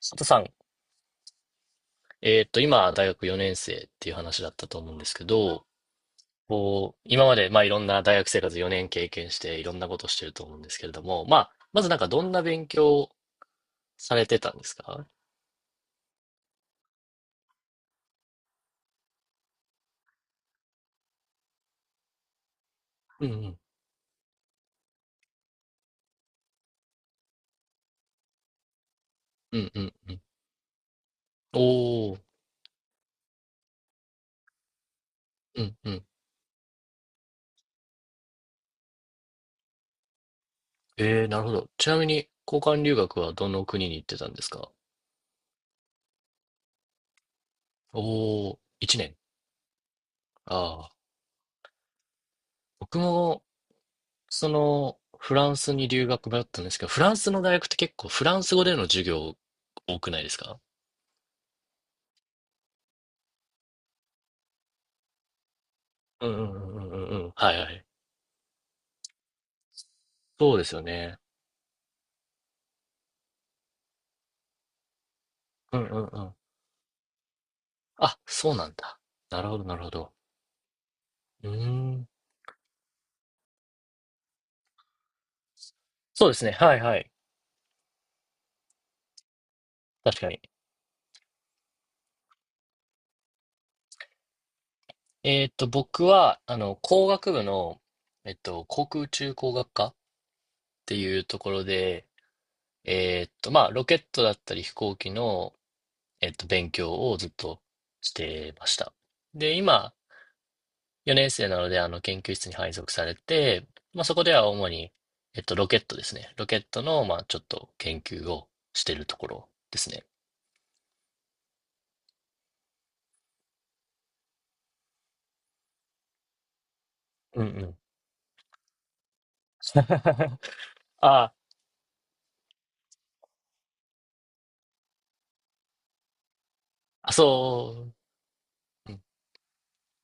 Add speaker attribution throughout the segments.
Speaker 1: 佐藤さん、今、大学4年生っていう話だったと思うんですけど、こう、今まで、まあ、いろんな大学生活4年経験して、いろんなことしてると思うんですけれども、まあ、まずなんか、どんな勉強をされてたんですか？うんうん。うんうんうん。おー。うんうん。えー、なるほど。ちなみに、交換留学はどの国に行ってたんですか？おー、1年。ああ。僕も、その、フランスに留学だったんですけど、フランスの大学って結構、フランス語での授業多くないですか？うんうんうんうんうんうん。はいはい。そうですよね。うんうんうん。あ、そうなんだ。なるほど、なるほど。うーん。そうですね。はいはい。確かに。僕は、工学部の、航空宇宙工学科っていうところで、まあ、ロケットだったり飛行機の、勉強をずっとしてました。で、今、4年生なので、研究室に配属されて、まあ、そこでは主に、ロケットですね。ロケットの、まあ、ちょっと研究をしてるところですね。うんうん。ああ、そう。うん。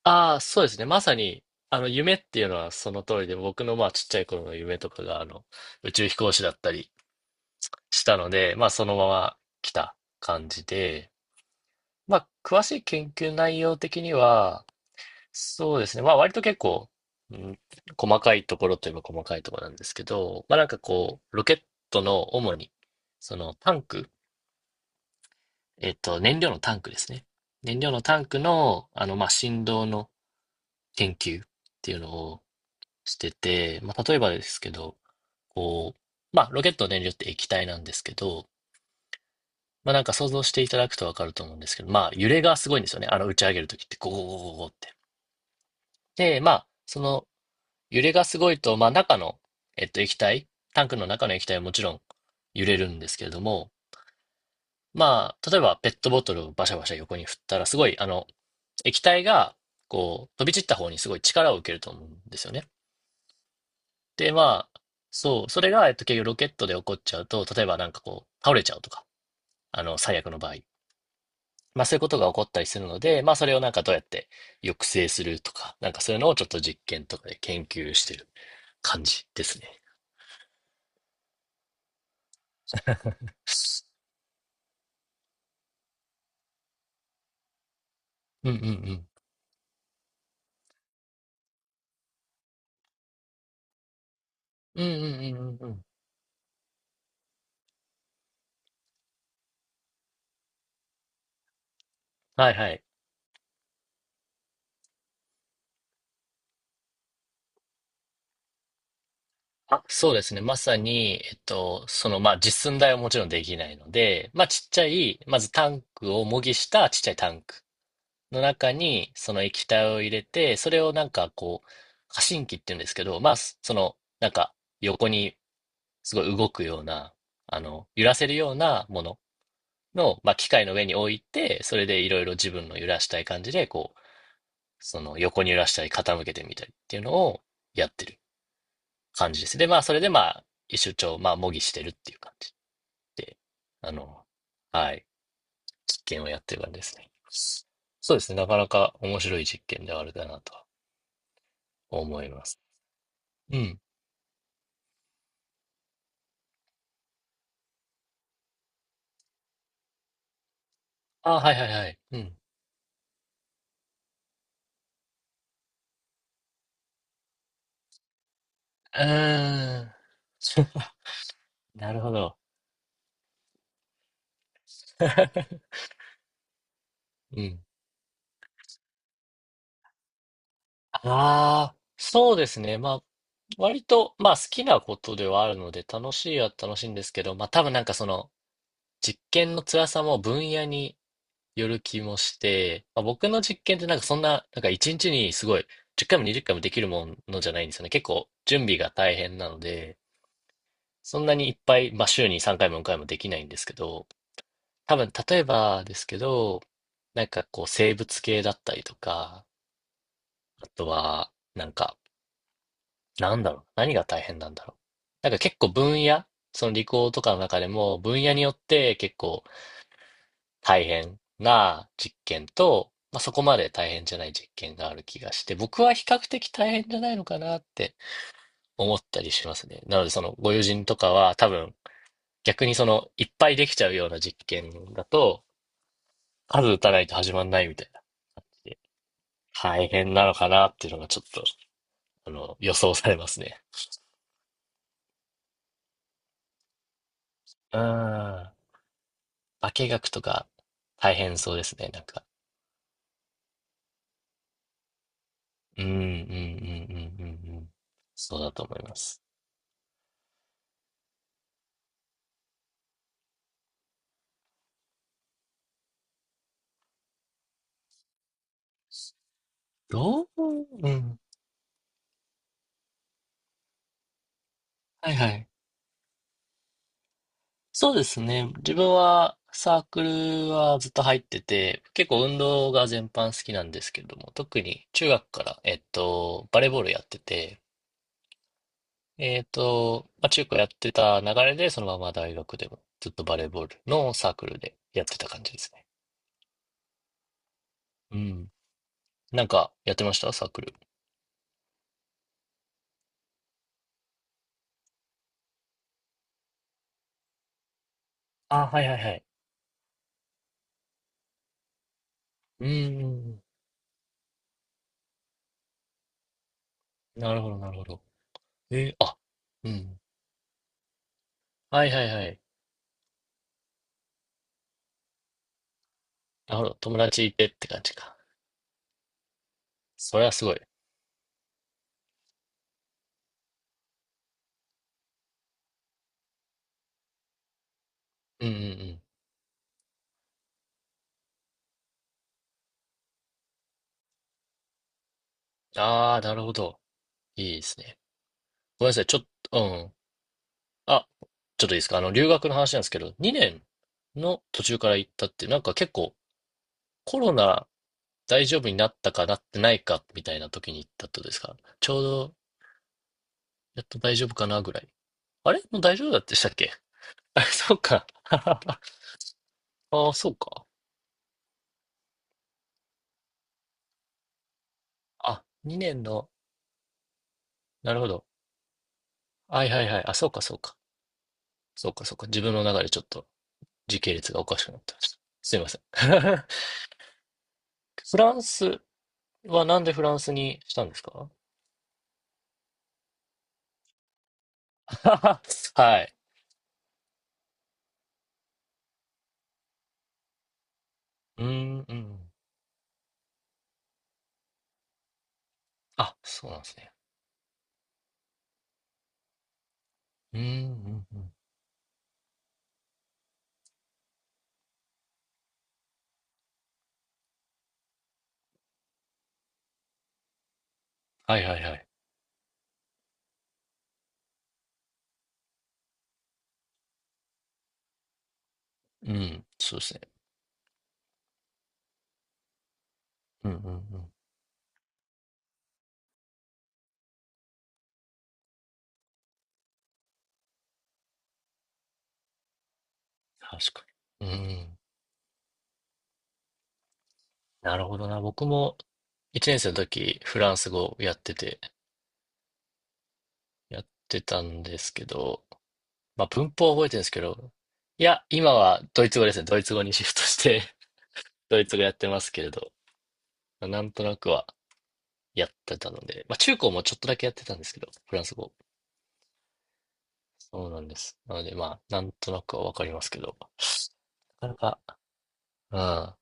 Speaker 1: ああ、そうですね。まさに、夢っていうのはその通りで、僕の、まあ、ちっちゃい頃の夢とかが、宇宙飛行士だったりしたので、まあ、そのまま来た感じで、まあ、詳しい研究内容的には、そうですね。まあ割と結構、うん、細かいところといえば細かいところなんですけど、まあなんかこう、ロケットの主に、そのタンク、燃料のタンクですね。燃料のタンクの、まあ振動の研究っていうのをしてて、まあ例えばですけど、こう、まあロケットの燃料って液体なんですけど、まあなんか想像していただくとわかると思うんですけど、まあ揺れがすごいんですよね。あの打ち上げるときってゴーゴーゴーゴーって。で、まあ、その揺れがすごいと、まあ、中の、液体、タンクの中の液体はもちろん揺れるんですけれども、まあ、例えばペットボトルをバシャバシャ横に振ったら、すごい、液体が、こう、飛び散った方にすごい力を受けると思うんですよね。で、まあ、そう、それが、結局ロケットで起こっちゃうと、例えばなんかこう、倒れちゃうとか、最悪の場合。まあ、そういうことが起こったりするので、まあ、それをなんかどうやって抑制するとか、なんかそういうのをちょっと実験とかで研究してる感じですね。うんうんうん。うんうんうんうんうん。はいはい。あ、そうですね。まさに、その、まあ、実寸大はもちろんできないので、まあ、ちっちゃい、まずタンクを模擬したちっちゃいタンクの中に、その液体を入れて、それをなんかこう、過信機って言うんですけど、まあ、その、なんか、横にすごい動くような、揺らせるようなものの、まあ、機械の上に置いて、それでいろいろ自分の揺らしたい感じで、こう、その横に揺らしたり傾けてみたりっていうのをやってる感じです。で、まあ、それでまあ、一周帳、まあ、模擬してるっていう感じで、あの、はい、実験をやってる感じですね。そうですね、なかなか面白い実験ではあるかなとは思います。うん。あ、はいはいはい。うん。うーん。なるほど。うん。ああ、そうですね。まあ、割と、まあ、好きなことではあるので、楽しいは楽しいんですけど、まあ、多分なんかその、実験の辛さも分野による気もして、まあ、僕の実験ってなんかそんな、なんか一日にちにすごい10回も20回もできるものじゃないんですよね。結構準備が大変なので、そんなにいっぱい、まあ、週に3回も4回もできないんですけど、多分例えばですけど、なんかこう生物系だったりとか、あとはなんか、なんだろう、何が大変なんだろう。なんか結構分野、その理工とかの中でも分野によって結構大変な実験と、まあ、そこまで大変じゃない実験がある気がして、僕は比較的大変じゃないのかなって思ったりしますね。なので、そのご友人とかは多分逆にそのいっぱいできちゃうような実験だと、数打たないと始まんないみたいな感じで、大変なのかなっていうのがちょっと、予想されますね。うん。化学とか大変そうですね、なんか。うん、うん、うん、うん、うん、うん。そうだと思います。どううん。はいはい。そうですね。自分はサークルはずっと入ってて、結構運動が全般好きなんですけれども、特に中学から、バレーボールやってて、まあ、中高やってた流れで、そのまま大学でもずっとバレーボールのサークルでやってた感じですね。うん。なんかやってましたサークル。あ、はいはいはい。うんうんうん。なるほどなるほど。えー、あ、うん。はいはいはい。なるほど。友達いてって感じか。それはすごい。うんうんうん。ああ、なるほど。いいですね。ごめんなさい。ちょっと、うん。あ、ちょっといいですか？留学の話なんですけど、2年の途中から行ったって、なんか結構コロナ大丈夫になったかなってないかみたいな時に行ったってことですか？ちょうど、やっと大丈夫かなぐらい。あれもう大丈夫だってしたっけ？ あ、そうか。ああ、そうか。あ、2年の、なるほど。はいはいはい。あ、そうかそうか。そうかそうか。自分の中でちょっと時系列がおかしくなってました。すいません。フランス、はなんでフランスにしたんですか？ はい。うん、うん。あ、そうなんですね。うん、うん、うん。はいはいはい。うん、そうですね。うん、うん、うん。確かに。うん。なるほどな。僕も1年生の時、フランス語やってたんですけど、まあ文法は覚えてるんですけど、いや、今はドイツ語ですね。ドイツ語にシフトして ドイツ語やってますけれど、まあなんとなくはやってたので、まあ中高もちょっとだけやってたんですけど、フランス語。そうなんです。なので、まあ、なんとなくはわかりますけど、なかなか、うん。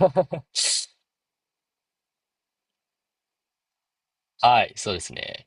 Speaker 1: はい、そうですね。